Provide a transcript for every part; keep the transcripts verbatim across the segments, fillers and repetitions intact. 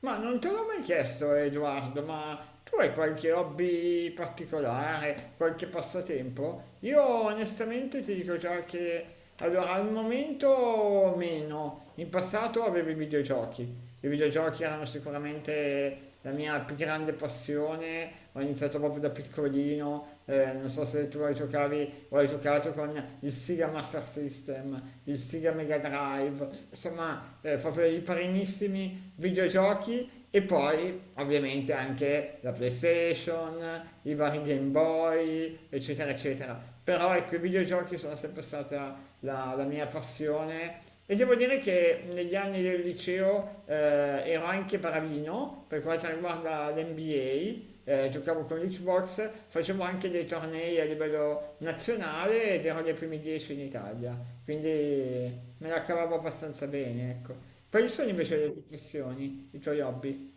Ma non te l'ho mai chiesto, Edoardo, ma tu hai qualche hobby particolare, qualche passatempo? Io onestamente ti dico già che allora al momento meno. In passato avevo i videogiochi. I videogiochi erano sicuramente la mia più grande passione, ho iniziato proprio da piccolino, eh, non so se tu hai giocavi o hai giocato con il Sega Master System, il Sega Mega Drive, insomma eh, proprio i primissimi videogiochi e poi ovviamente anche la PlayStation, i vari Game Boy, eccetera, eccetera. Però ecco, i videogiochi sono sempre stata la, la mia passione e devo dire che negli anni del liceo eh, ero anche bravino per quanto riguarda l'N B A, eh, giocavo con l'Xbox, facevo anche dei tornei a livello nazionale ed ero nei primi dieci in Italia, quindi me la cavavo abbastanza bene, ecco. Quali sono invece le tue passioni, i tuoi hobby?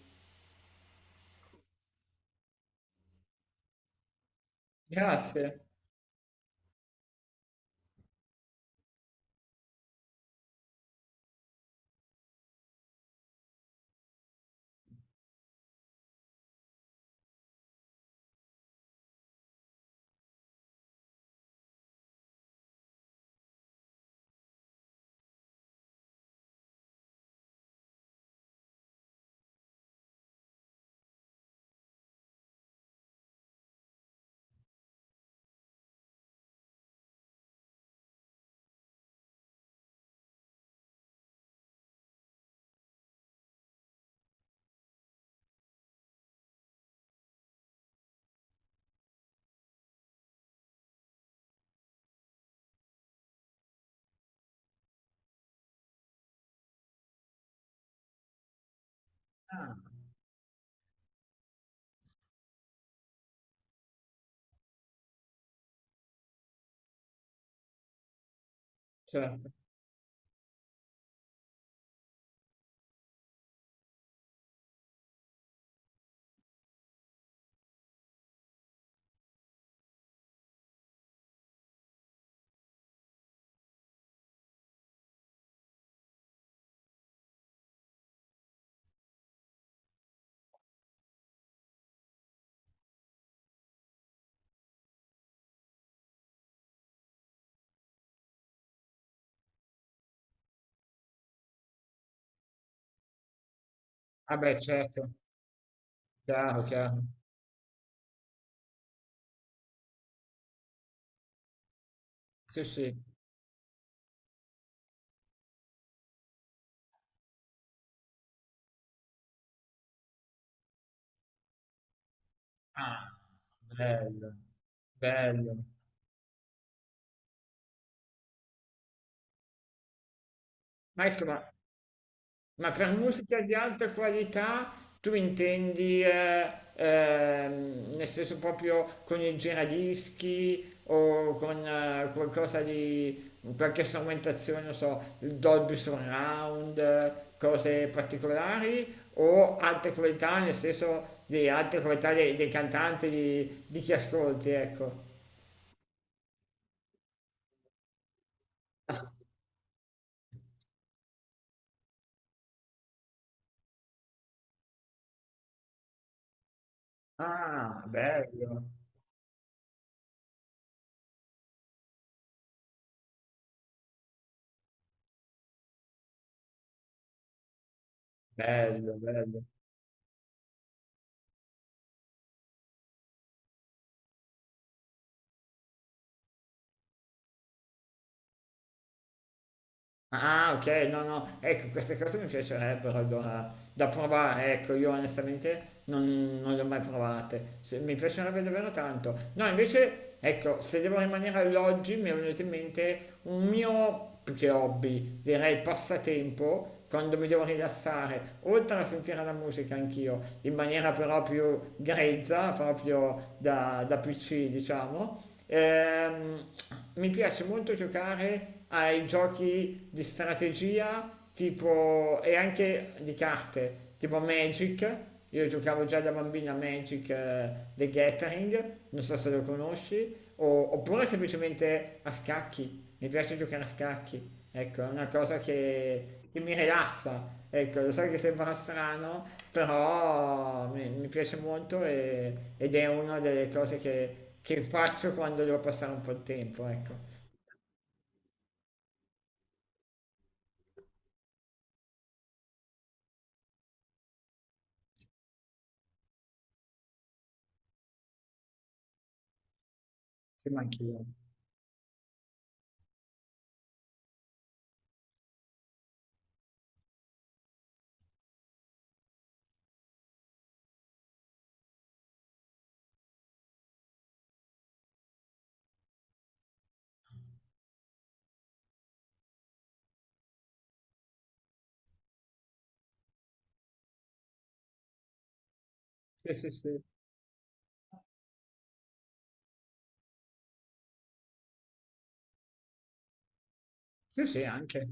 Grazie, certo. Ah beh, certo, chiaro, chiaro. Sì, sì. Ah, bello, bello. Ma ecco, ma, ma per musica di alta qualità tu intendi, eh, ehm, nel senso proprio con il giradischi o con eh, qualcosa di, qualche strumentazione, non so, il Dolby Surround, eh, cose particolari o alta qualità nel senso di alta qualità dei, dei cantanti, di, di chi ascolti, ecco. Ah, bello, bello, bello. Ah, ok, no, no, ecco, queste cose mi piacerebbero allora da provare, ecco, io onestamente non, non le ho mai provate, Se- mi piacerebbe davvero tanto. No, invece, ecco, se devo rimanere all'oggi mi è venuto in mente un mio, più che hobby, direi passatempo, quando mi devo rilassare, oltre a sentire la musica anch'io, in maniera però più grezza, proprio da, da P C, diciamo. Ehm, mi piace molto giocare ai giochi di strategia tipo, e anche di carte, tipo Magic. Io giocavo già da bambina a Magic eh, The Gathering, non so se lo conosci, o- oppure semplicemente a scacchi. Mi piace giocare a scacchi, ecco, è una cosa che, che mi rilassa. Ecco, lo so che sembra strano, però mi, mi piace molto e- ed è una delle cose che, che faccio quando devo passare un po' di tempo, ecco. Sì, ma anch'io. Sì, sì, sì. Sì, sì, anche.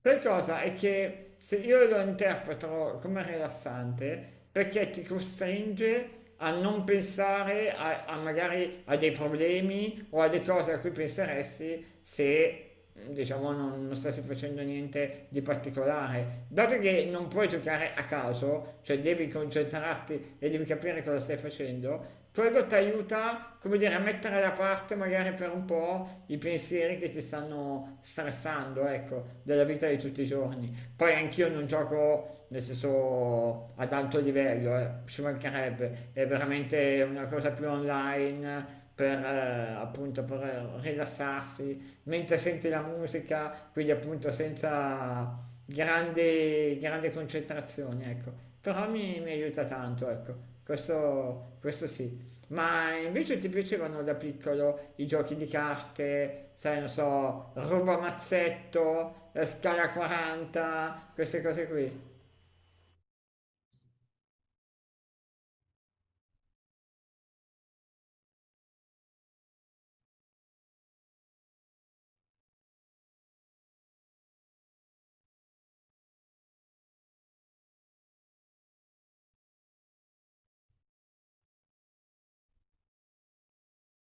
Sai cosa? È che se io lo interpreto come rilassante, perché ti costringe a non pensare a, a magari a dei problemi o a delle cose a cui penseresti se diciamo non, non stessi facendo niente di particolare. Dato che non puoi giocare a caso, cioè devi concentrarti e devi capire cosa stai facendo, quello ti aiuta, come dire, a mettere da parte magari per un po' i pensieri che ti stanno stressando, ecco, della vita di tutti i giorni. Poi anch'io non gioco, nel senso, ad alto livello, eh, ci mancherebbe, è veramente una cosa più online per eh, appunto per rilassarsi mentre senti la musica, quindi appunto senza grande, grande concentrazione, ecco. Però mi, mi aiuta tanto, ecco. Questo, questo sì. Ma invece ti piacevano da piccolo i giochi di carte, sai, non so, ruba mazzetto, eh, scala quaranta, queste cose qui?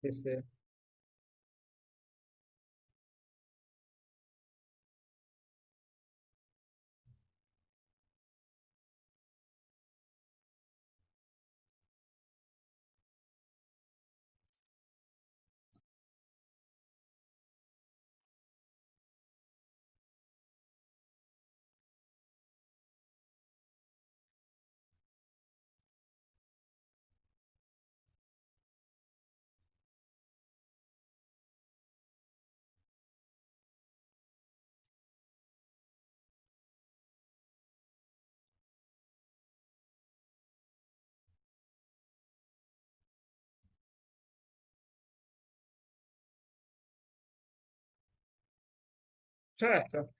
Sì, sì. Certo.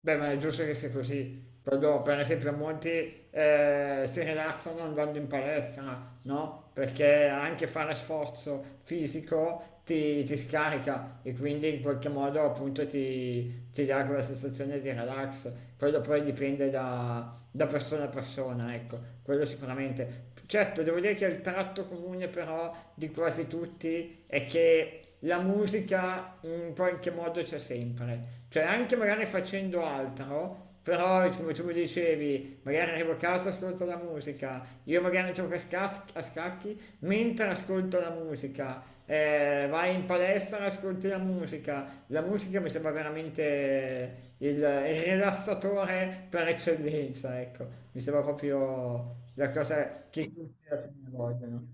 Beh, ma è giusto che sia così. Quando, per esempio, molti eh, si rilassano andando in palestra, no? Perché anche fare sforzo fisico ti, ti scarica e quindi in qualche modo appunto ti, ti dà quella sensazione di relax. Quello poi dipende da, da persona a persona, ecco, quello sicuramente. Certo, devo dire che il tratto comune però di quasi tutti è che la musica in qualche modo c'è sempre, cioè anche magari facendo altro, però come tu mi dicevi, magari arrivo a casa e ascolto la musica, io magari gioco a, scac- a scacchi mentre ascolto la musica, eh, vai in palestra e ascolti la musica, la musica mi sembra veramente il, il rilassatore per eccellenza, ecco, mi sembra proprio la cosa che tutti alla fine vogliono.